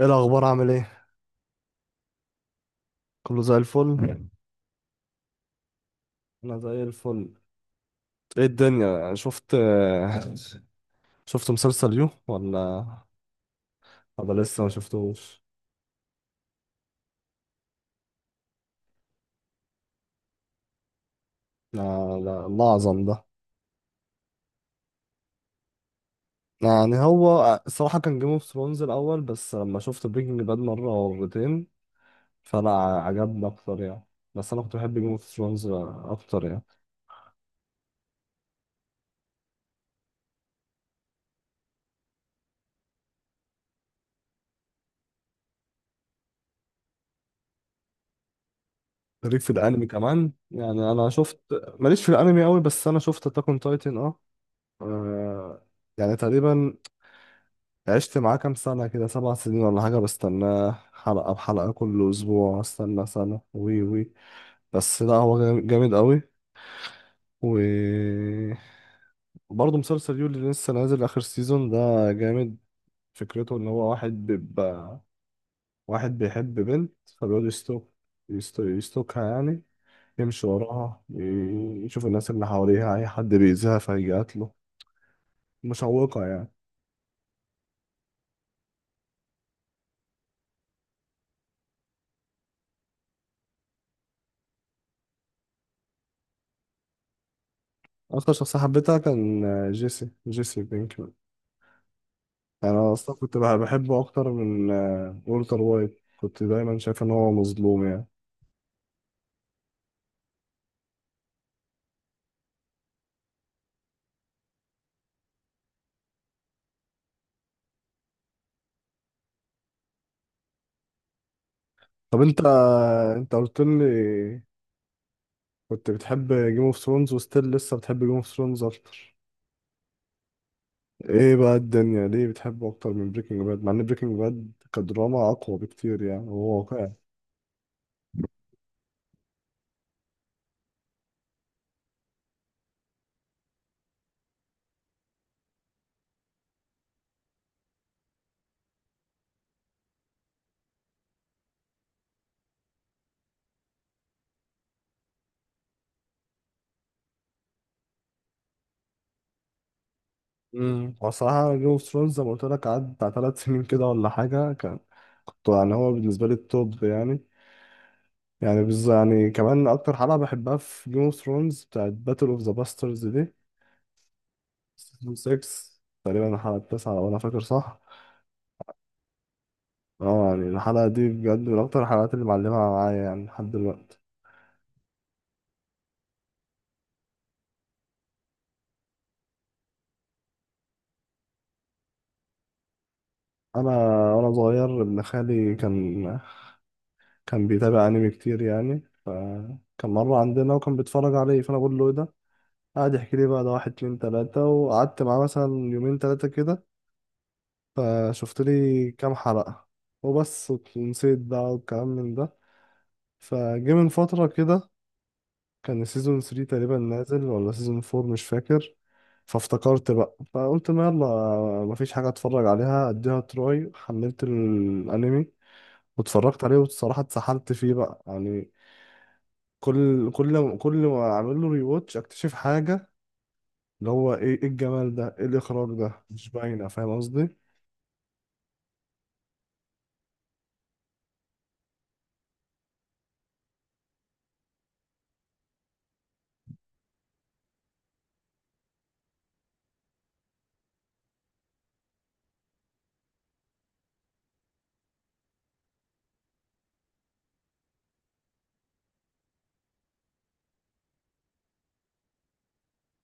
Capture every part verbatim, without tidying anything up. ايه الاخبار؟ عامل ايه؟ كله زي الفل. انا زي الفل. ايه الدنيا؟ شفت شفت مسلسل يو ولا؟ ولا لسه ما شفتوش. لا، لا، الله اعظم ده. يعني هو الصراحه كان جيم اوف ثرونز الاول، بس لما شفت بريكنج باد مره او مرتين، فلا، عجبني اكتر يعني. بس انا كنت بحب جيم اوف ثرونز اكتر يعني. ليك في الانمي كمان يعني، انا شفت. ماليش في الانمي قوي، بس انا شفت اتاك اون تايتن، اه. آه، يعني تقريبا عشت معاه كام سنة كده، سبع سنين ولا حاجة، بستناه حلقة بحلقة كل أسبوع، استنى سنة. وي وي بس لا، هو جام- جامد قوي. و برضه مسلسل يولي اللي لسه نازل آخر سيزون ده جامد. فكرته إن هو واحد بيبقى، واحد بيحب بنت فبيقعد يستوك، يستو... يستوكها يعني، يمشي وراها، ي- يشوف الناس اللي حواليها، أي حد بيأذيها فيقتله، مشوقة يعني. أكتر شخصية حبيتها كان جيسي، جيسي بينك. يعني انا اصلا كنت بح- بحبه اكتر من آه، والتر وايت، كنت دايما شايف ان هو مظلوم يعني. طب انت، انت قلت لي كنت بتحب جيم اوف ثرونز وستيل لسه بتحب جيم اوف ثرونز اكتر. ايه بقى الدنيا ليه بتحبه اكتر من بريكنج باد مع ان بريكنج باد كدراما اقوى بكتير يعني، وهو واقعي. امم بصراحه جيم اوف ثرونز زي ما قلت لك قعد بتاع ثلاث سنين كده ولا حاجه، كان كنت يعني هو بالنسبه لي التوب يعني. يعني بز... يعني كمان اكتر حلقه بحبها في جيم اوف ثرونز بتاعت باتل اوف ذا باسترز دي. سيزون سته تقريبا، الحلقة التاسعة لو أنا فاكر صح. اه يعني الحلقة دي بجد من أكتر الحلقات اللي معلمة معايا يعني لحد دلوقتي. أنا وأنا صغير، ابن خالي كان كان بيتابع أنمي كتير يعني، فكان مرة عندنا وكان بيتفرج عليه فأنا بقول له إيه ده، قعد يحكي لي بقى ده، واحد اتنين تلاتة، وقعدت معاه مثلا يومين تلاتة كده فشفت لي كام حلقة وبس ونسيت بقى والكلام من ده. فجه من فترة كده، كان سيزون تلاته تقريبا نازل ولا سيزون اربعه مش فاكر. فافتكرت بقى فقلت ما يلا، مفيش حاجة اتفرج عليها اديها تراي. حملت الانمي واتفرجت عليه، والصراحة اتسحلت فيه بقى يعني. كل كل كل ما اعمل له ريواتش اكتشف حاجة، اللي هو ايه ايه الجمال ده، ايه الاخراج ده، مش باينة. فاهم قصدي؟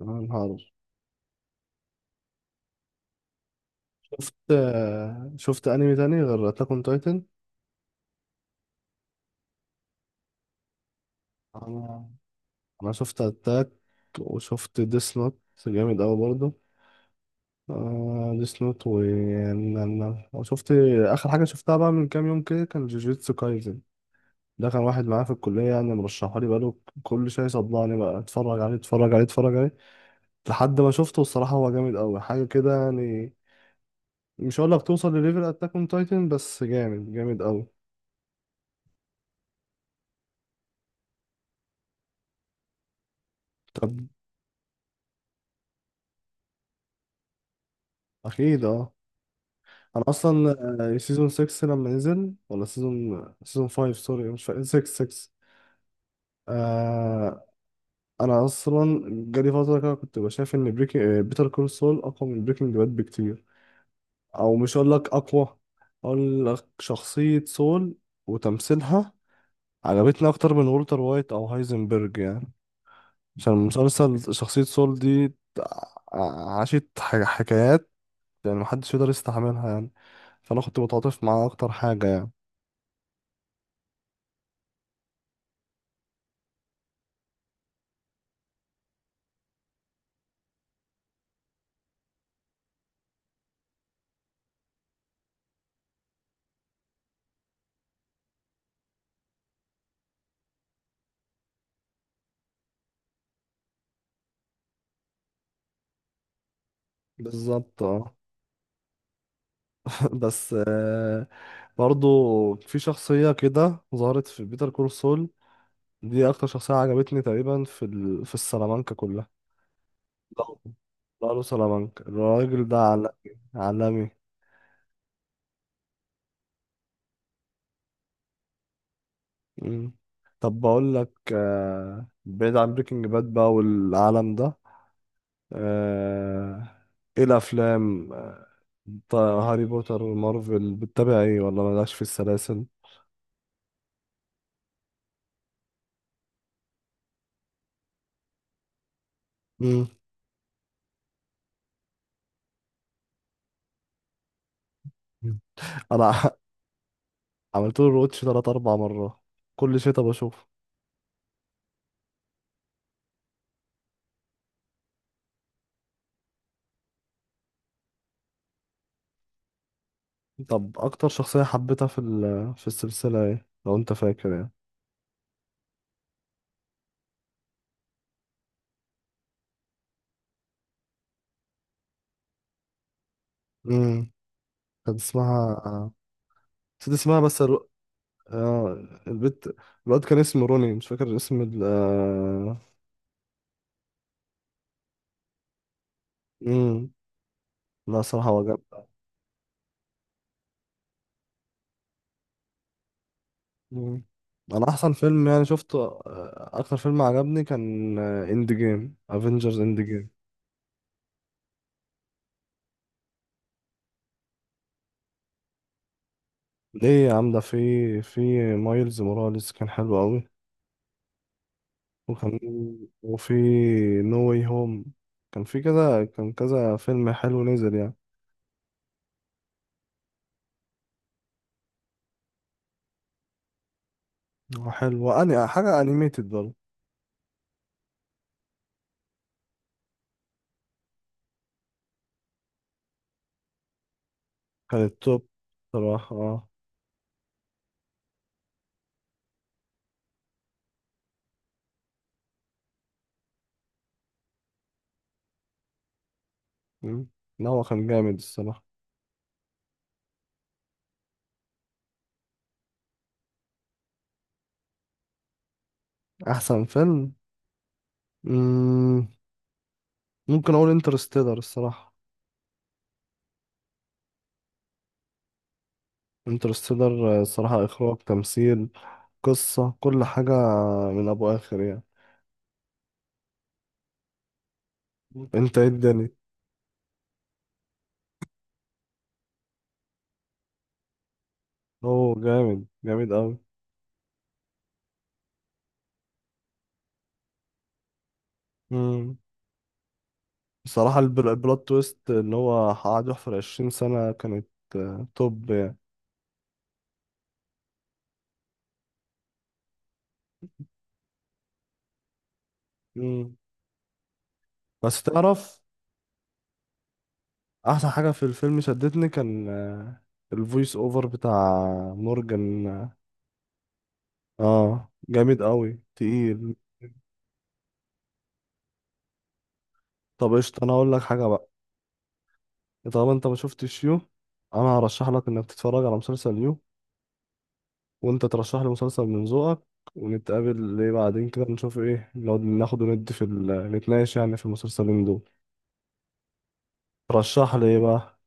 يا نهار. شفت شفت انمي تاني غير اتاك اون تايتن؟ انا انا شفت اتاك وشفت ديس نوت، جامد قوي برضه. آه ديس نوت. و يعني أنا شفت آخر حاجة شفتها بقى من كام يوم كده كان جوجيتسو كايزن. ده كان واحد معايا في الكلية يعني مرشحها لي بقاله، كل شوية يصدعني بقى، اتفرج عليه، اتفرج عليه، اتفرج عليه، لحد ما شفته. الصراحة هو جامد أوي حاجة كده يعني. مش هقول لك توصل لليفل أتاك أون تايتن، بس جامد جامد أوي. طب أكيد أه. أنا أصلا سيزون سته لما نزل، ولا سيزون، سيزون خمسه، سوري مش فاكر، سته، سته انا اصلا جالي فتره كده كنت بشايف ان بريكنج، بيتر كول سول اقوى من بريكنج باد بكتير. او مش هقول لك اقوى، هقول لك شخصيه سول وتمثيلها عجبتني اكتر من والتر وايت او هايزنبرج يعني. عشان مسلسل شخصيه سول دي ع- عاشت ح- حكايات يعني محدش يقدر يستحملها يعني، فانا كنت متعاطف معاها اكتر حاجه يعني. بالظبط اه. بس آه، برضو في شخصية كده ظهرت في بيتر كول سول، دي اكتر شخصيه عجبتني تقريبا في ال... في السلامانكا كلها. لقب لقب سلامانكا الراجل ده عالمي. عالمي. مم. طب بقول لك، آه... بعيد عن بريكنج باد بقى والعالم ده، آه... ايه الافلام، آه... طيب، هاري بوتر ومارفل بتتابع ايه ولا مالكش في السلاسل؟ مم. انا عملت له روتش تلات اربع مرات، كل شتا بشوف. طب اكتر شخصيه حبيتها في ال... في السلسله ايه لو انت فاكر؟ يعني كانت اسمها، نسيت اسمها بس الو... آه... البت. الواد كان اسمه روني، مش فاكر اسم ال آه، مم. لا صراحة هو جامد. مم. أنا أحسن فيلم يعني شفته، آه، أكتر فيلم عجبني كان إند جيم، افنجرز إند جيم. ليه يا عم؟ ده في، في مايلز موراليس كان حلو أوي. وكان وفي نو واي هوم، كان في كذا، كان كذا فيلم حلو نزل يعني. وحلو، وأني حاجة أنيميتد برضه. كانت توب صراحة آه. مم. لا هو كان جامد الصراحة. أحسن فيلم، مم، ممكن أقول انترستيلر الصراحة. انترستيلر الصراحة، إخراج، تمثيل، قصة، كل حاجة من أبو آخر يعني. مم. أنت إيه الدنيا؟ هو جامد جامد أوي. مم. بصراحة البل- البلوت تويست اللي هو قعد يحفر عشرين سنة كانت آه، توب يعني. مم. بس تعرف، أحسن حاجة في الفيلم شدتني كان آه، الفويس أوفر بتاع مورجان. اه جامد قوي تقيل. طب قشطة انا اقول لك حاجة بقى، طالما انت ما شفتش يو، انا هرشح لك انك تتفرج على مسلسل يو وانت ترشح لي مسلسل من ذوقك، ونتقابل ليه بعدين كده نشوف ايه لو ناخد وندي في ال... نتناقش يعني في المسلسلين دول. ترشح لي ايه بقى؟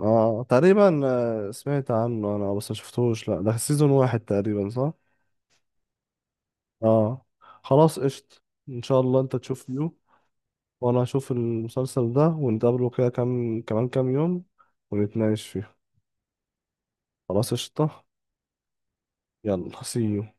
اه تقريبا. آه، سمعت عنه انا بس ما شفتوش، لا ده سيزون واحد تقريبا صح؟ اه خلاص قشطة. ان شاء الله انت تشوف يو وانا اشوف المسلسل ده، ونتقابله كده كام كمان كام يوم ونتناقش فيه. خلاص قشطة. يلا سي.